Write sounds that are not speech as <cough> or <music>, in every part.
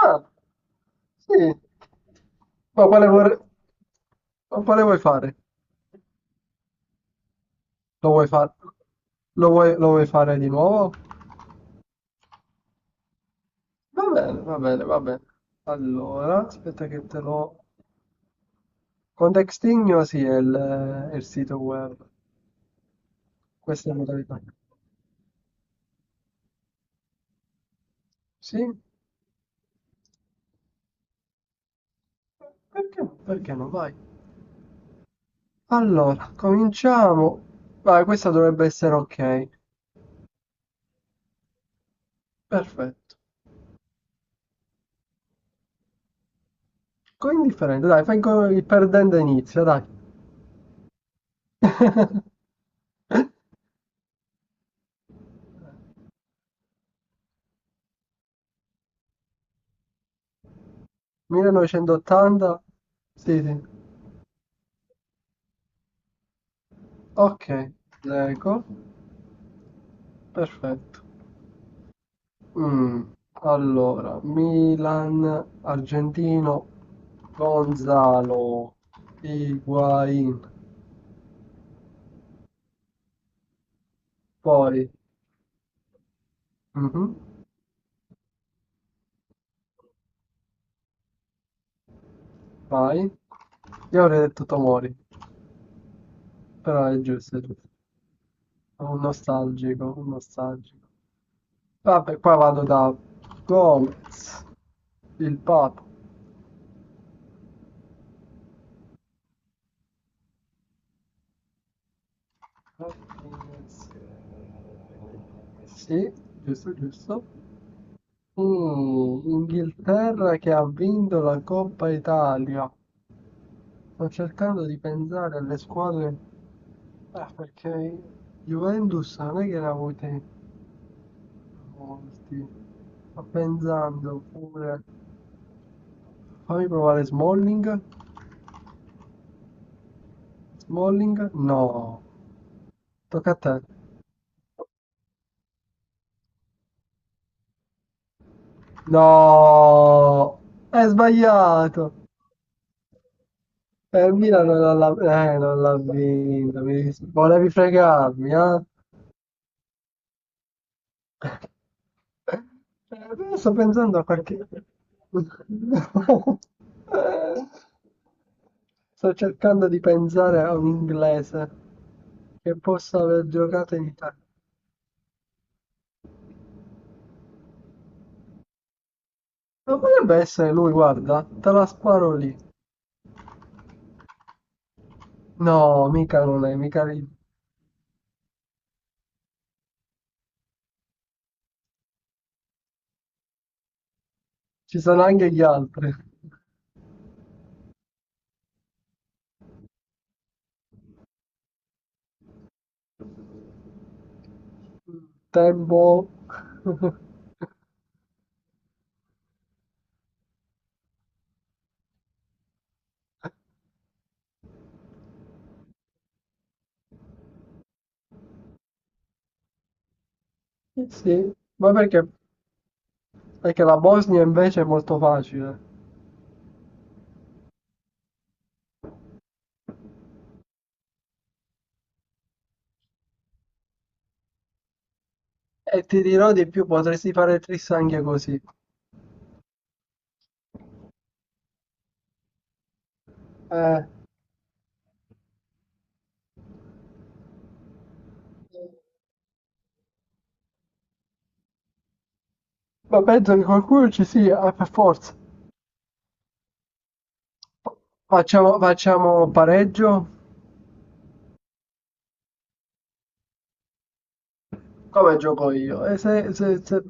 Ah, sì, ma quale, ma quale vuoi fare? Lo vuoi fare? Lo vuoi fare di nuovo? Va bene, va bene, va bene. Allora, aspetta che te lo... Contextinio, sì, è il sito web. Questa è la modalità. Sì? Perché no? Vai. Allora, cominciamo. Vai, questa dovrebbe essere ok. Perfetto. Con indifferente, dai, il perdente inizia, dai. <laughs> 1980? Sì, sì. Ok, leggo. Perfetto. Mm, Allora, Milan, argentino, Gonzalo, Higuain. Poi, mhm, vai. Io avrei detto Tomori, però è giusto. Un nostalgico. Vabbè, qua vado da Gomez, il Papa. Sì, giusto. Inghilterra che ha vinto la Coppa Italia. Sto cercando di pensare alle squadre, perché Juventus non è che ne ha avute molti. Sto pensando pure. Fammi provare Smalling. Smalling? No. Tocca a te. No! È sbagliato! Il Milan non l'ha vinto. Volevi fregarmi, eh? Sto pensando a qualche... <laughs> Eh, sto cercando di pensare a un inglese che possa aver giocato in Italia. Non potrebbe essere lui, guarda, te la sparo lì. No, mica non è, mica lì. Ci sono anche gli altri. Tempo. <laughs> Sì, ma perché? Perché la Bosnia invece è molto facile. E ti dirò di più, potresti fare tris anche così. Eh, ma penso che qualcuno ci sia, per forza. Facciamo pareggio? Come gioco io? E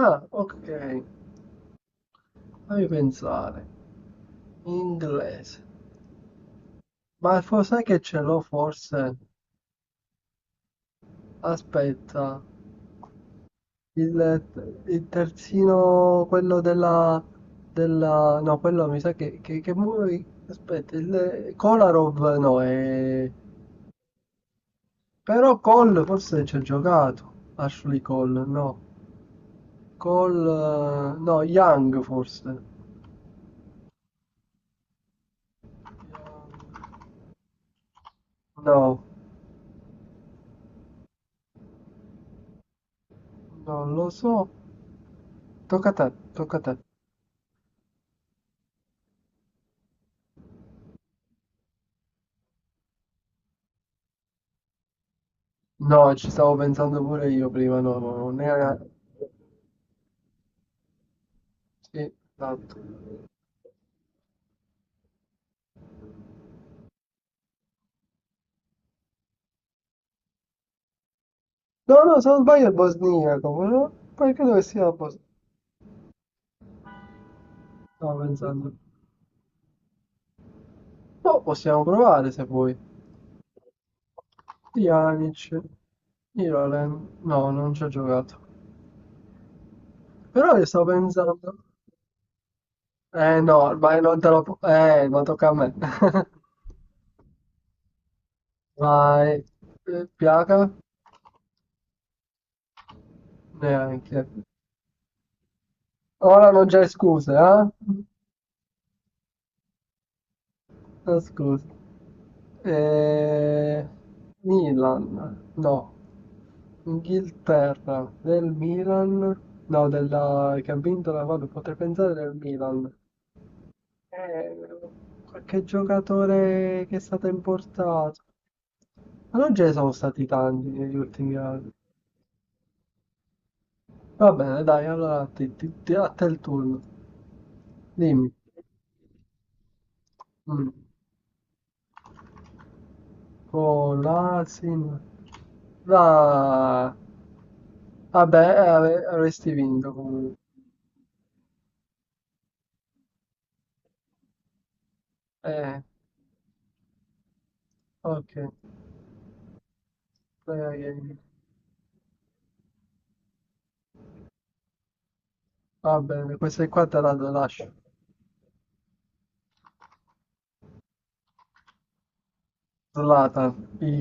Ah, ok. Fammi pensare. Inglese. Sai che ce l'ho forse? Aspetta. Il terzino, quello della... della... No, quello mi sa che... Aspetta, il... Kolarov no, è... Però Cole forse ci ha giocato. Ashley Cole, no. Cole... No, Young forse. No, non lo so. Tocca a te. No, ci stavo pensando pure io prima, no, no, non era... Sì, esatto. No, no, se non sbaglio è bosniaco, però poi credo che sia la Bosnia. Stavo pensando. No, possiamo provare se vuoi. Pjanic, Irolen. No, non ci ho giocato. Però io stavo pensando... Eh no, vai, non te lo... ma tocca a me. <laughs> Vai. Piaga? Neanche. Ora non c'è scuse, eh? Ascolta, eh, Milan, no, Inghilterra, del Milan, no, della, che ha vinto la, vabbè, potrei pensare del Milan, eh, qualche giocatore che è stato importato, ma non ce ne sono stati tanti negli ultimi anni, va bene, dai, allora a te, a te il turno, dimmi, mm. Oh, l'Asin, la... vabbè, avresti vinto comunque, eh, ok. Eh, va bene, queste qua te la lascio. Zlatan,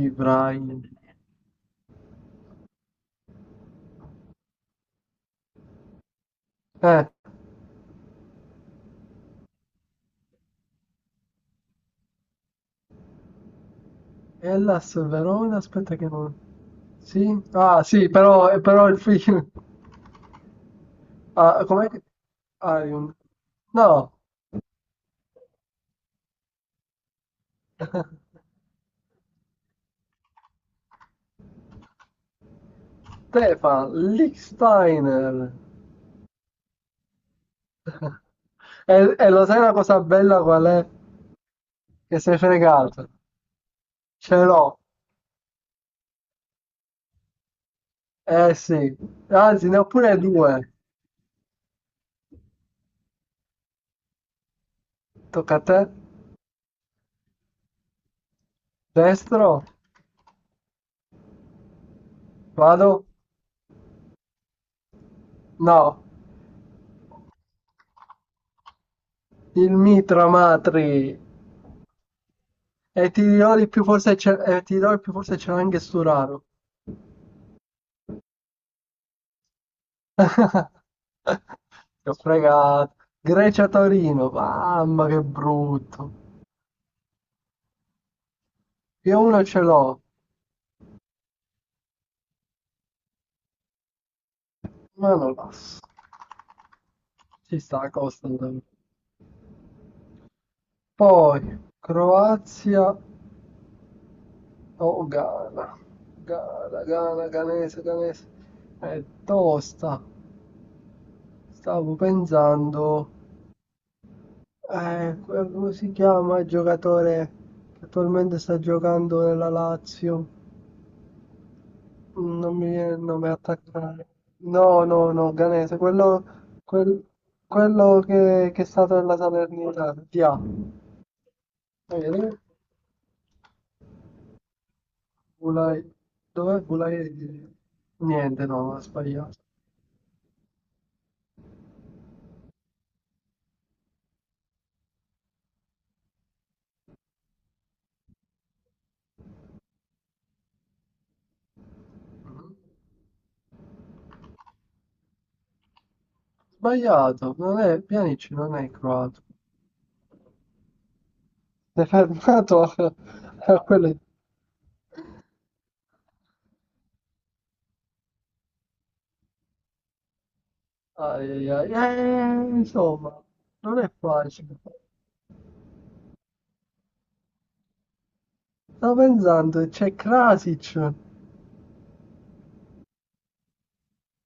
Ibrahim. Eh, Hellas Verona, aspetta che non... Sì? Ah, sì, però, però il film... Ah, com'è che... Arion. No. <laughs> Stefan, Lichtsteiner. <laughs> E, e lo sai la cosa bella qual è? Che sei fregato. Ce l'ho. Eh sì. Anzi, ne ho pure due. Tocca a te. Destro. Vado. No. Il mitra matri. E ti dirò di più, forse c'è, e ti dirò di più, forse c'era anche Sturaro. <laughs> Ti ho fregato. Grecia-Torino, mamma che brutto. Io uno ce l'ho, ma non passo. Ci sta, Costanzo. Poi, Croazia o Ghana. Ghana, Ghanese. È tosta. Stavo pensando... come si chiama il giocatore che attualmente sta giocando nella Lazio? Mm, non mi viene il nome attaccare. No, no, no, Ganese, quel- quello che è stato nella Salernitana. Dia. Vedi? Bulai. Dov'è Bulai? Niente, no, ho sbagliato. Sbagliato, non è, Pjanic non è croato. Si è fermato a, a quelle... Ai, ai, ai. Insomma, non è facile. Stavo pensando, c'è Krasic,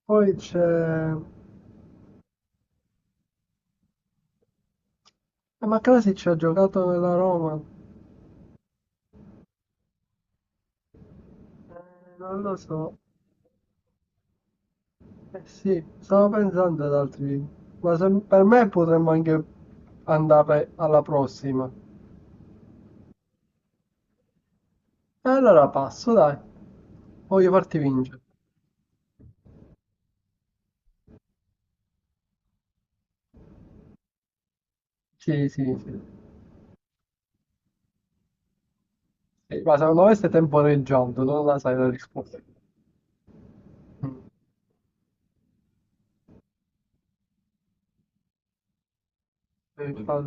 poi c'è... eh, ma Krasic ha giocato nella Roma? Non lo so. Eh sì, stavo pensando ad altri. Per me potremmo anche andare alla prossima. E allora passo, dai. Voglio farti vincere. Sì, sì, sì. Sì, ma secondo me stai temporeggiando, non la sai la risposta. Mm. Eh, fa-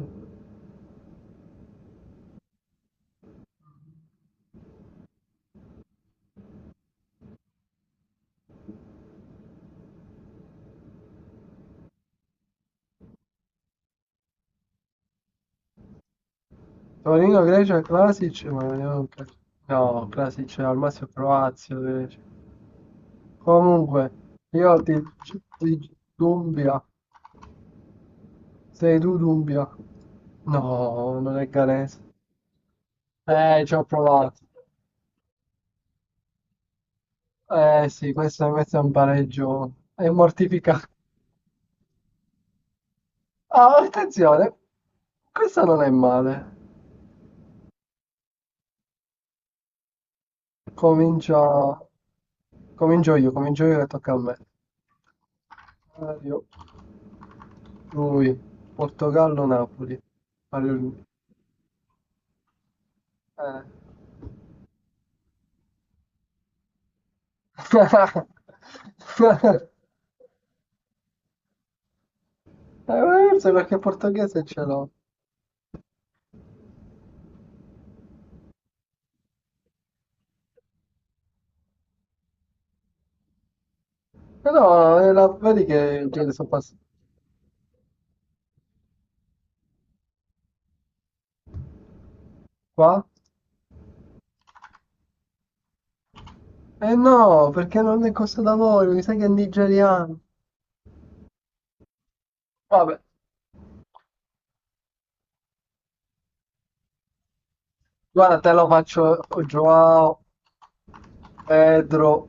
Torino, Grecia, Krasic, ma no, Krasic al massimo Croazia, comunque, io ti, Dumbia, sei tu Dumbia? No, non è Canese. Ci ho provato. Eh sì, questo è un pareggio. È mortificante. Ah, attenzione, questa non è male. Comincia... Comincio io che tocca a me. Mario, lui, Portogallo, Napoli. Mario lui. Eh. <laughs> Forse perché portoghese ce l'ho. Però vedi che sono passato qua? Eh no, perché non è cosa da voi, mi sa che è nigeriano. Vabbè, guarda, te lo faccio Joao Pedro,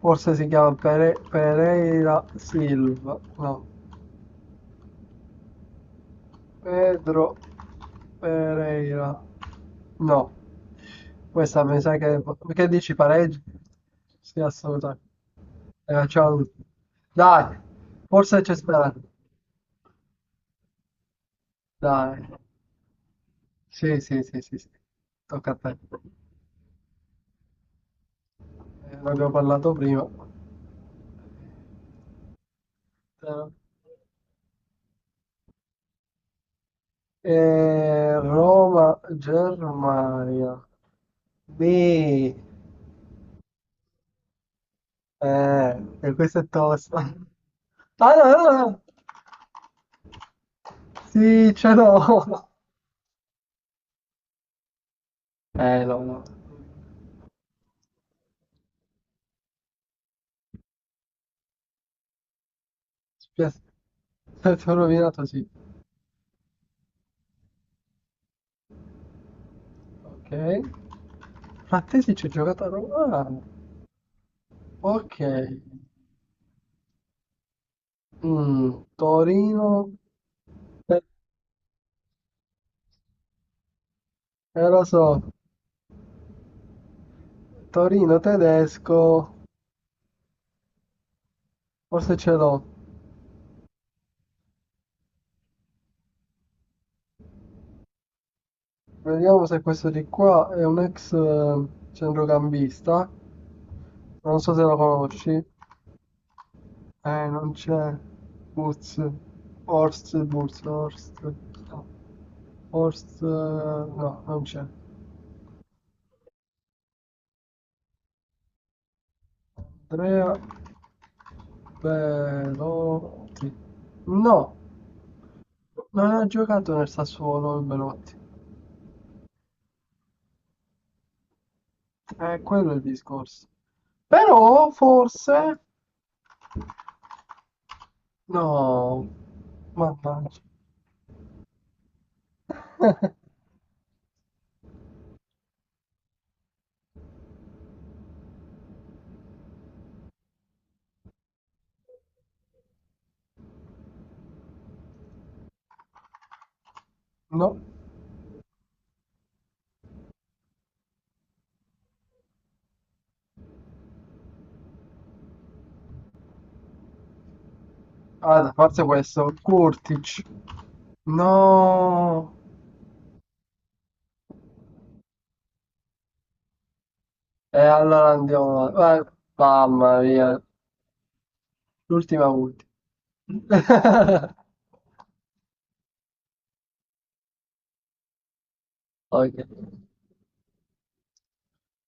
forse si chiama Pereira Silva. No, Pedro Pereira. No, questa mi sa che... Perché dici pareggio? Sì, assolutamente. Ciao. Dai, forse c'è speranza. Dai. Sì, sì, sì, sì, sì. Tocca a te. Ne abbiamo parlato prima. Eh, Roma, Germania. Beh, e questa è tosta. Ah, no, no, no. Sì, ce l'ho. No, no. Spiace, ti ho rovinato, sì. Ok. Frattesi ci ho giocato a Roma. Ah, ok. Mm, Torino. Eh, lo so. Torino tedesco. Forse ce l'ho. Vediamo se questo di qua è un ex centrocampista. Non so se la conosci. Non c'è. Boots. Horst, Boots, Horst. No, Horst, no, non c'è. Andrea Belotti. No, non ha giocato nel Sassuolo il Belotti. Quello è il discorso. Però, forse... No, mannaggia. <laughs> No. Ah, forse questo. Kurtic. No. E allora andiamo... mamma mia. L'ultima ultima. <laughs> Ok.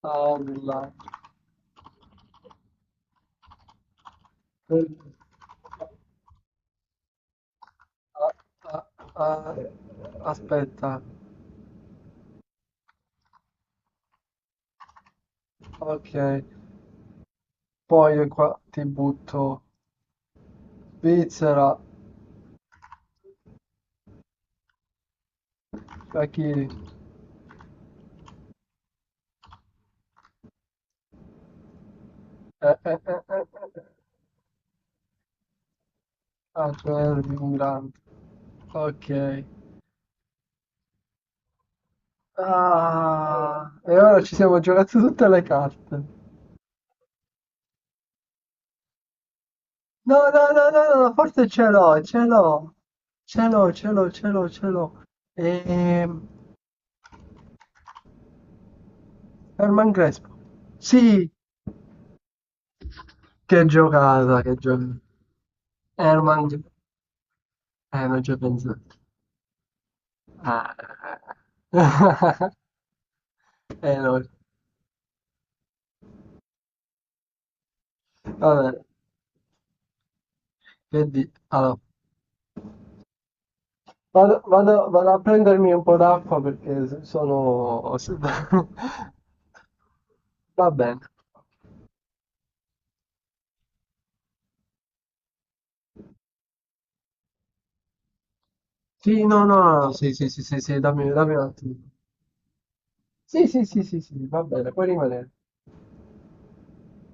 Ah, nulla. Ah, ah, ah. Aspetta. Ok. Poi io qua ti butto Svizzera, Achille. Eh, eh, eh, eh, eh. Ah, Fermi, un grande. Ok. Ah, e ora ci siamo giocati tutte le carte. No, forse ce l'ho, ce l'ho. Ce l'ho. Ehm, Herman Crespo. Sì, che giocata. Herman, non ci ho pensato. Ah. <laughs> No. Vabbè, che di... Allora, vado a prendermi un po' d'acqua perché sono... <laughs> Va bene. Sì, no, no, no, sì, sì, sì, sì, sì, dammi un attimo. Sì, sì, sì, sì, sì, va bene, puoi rimanere.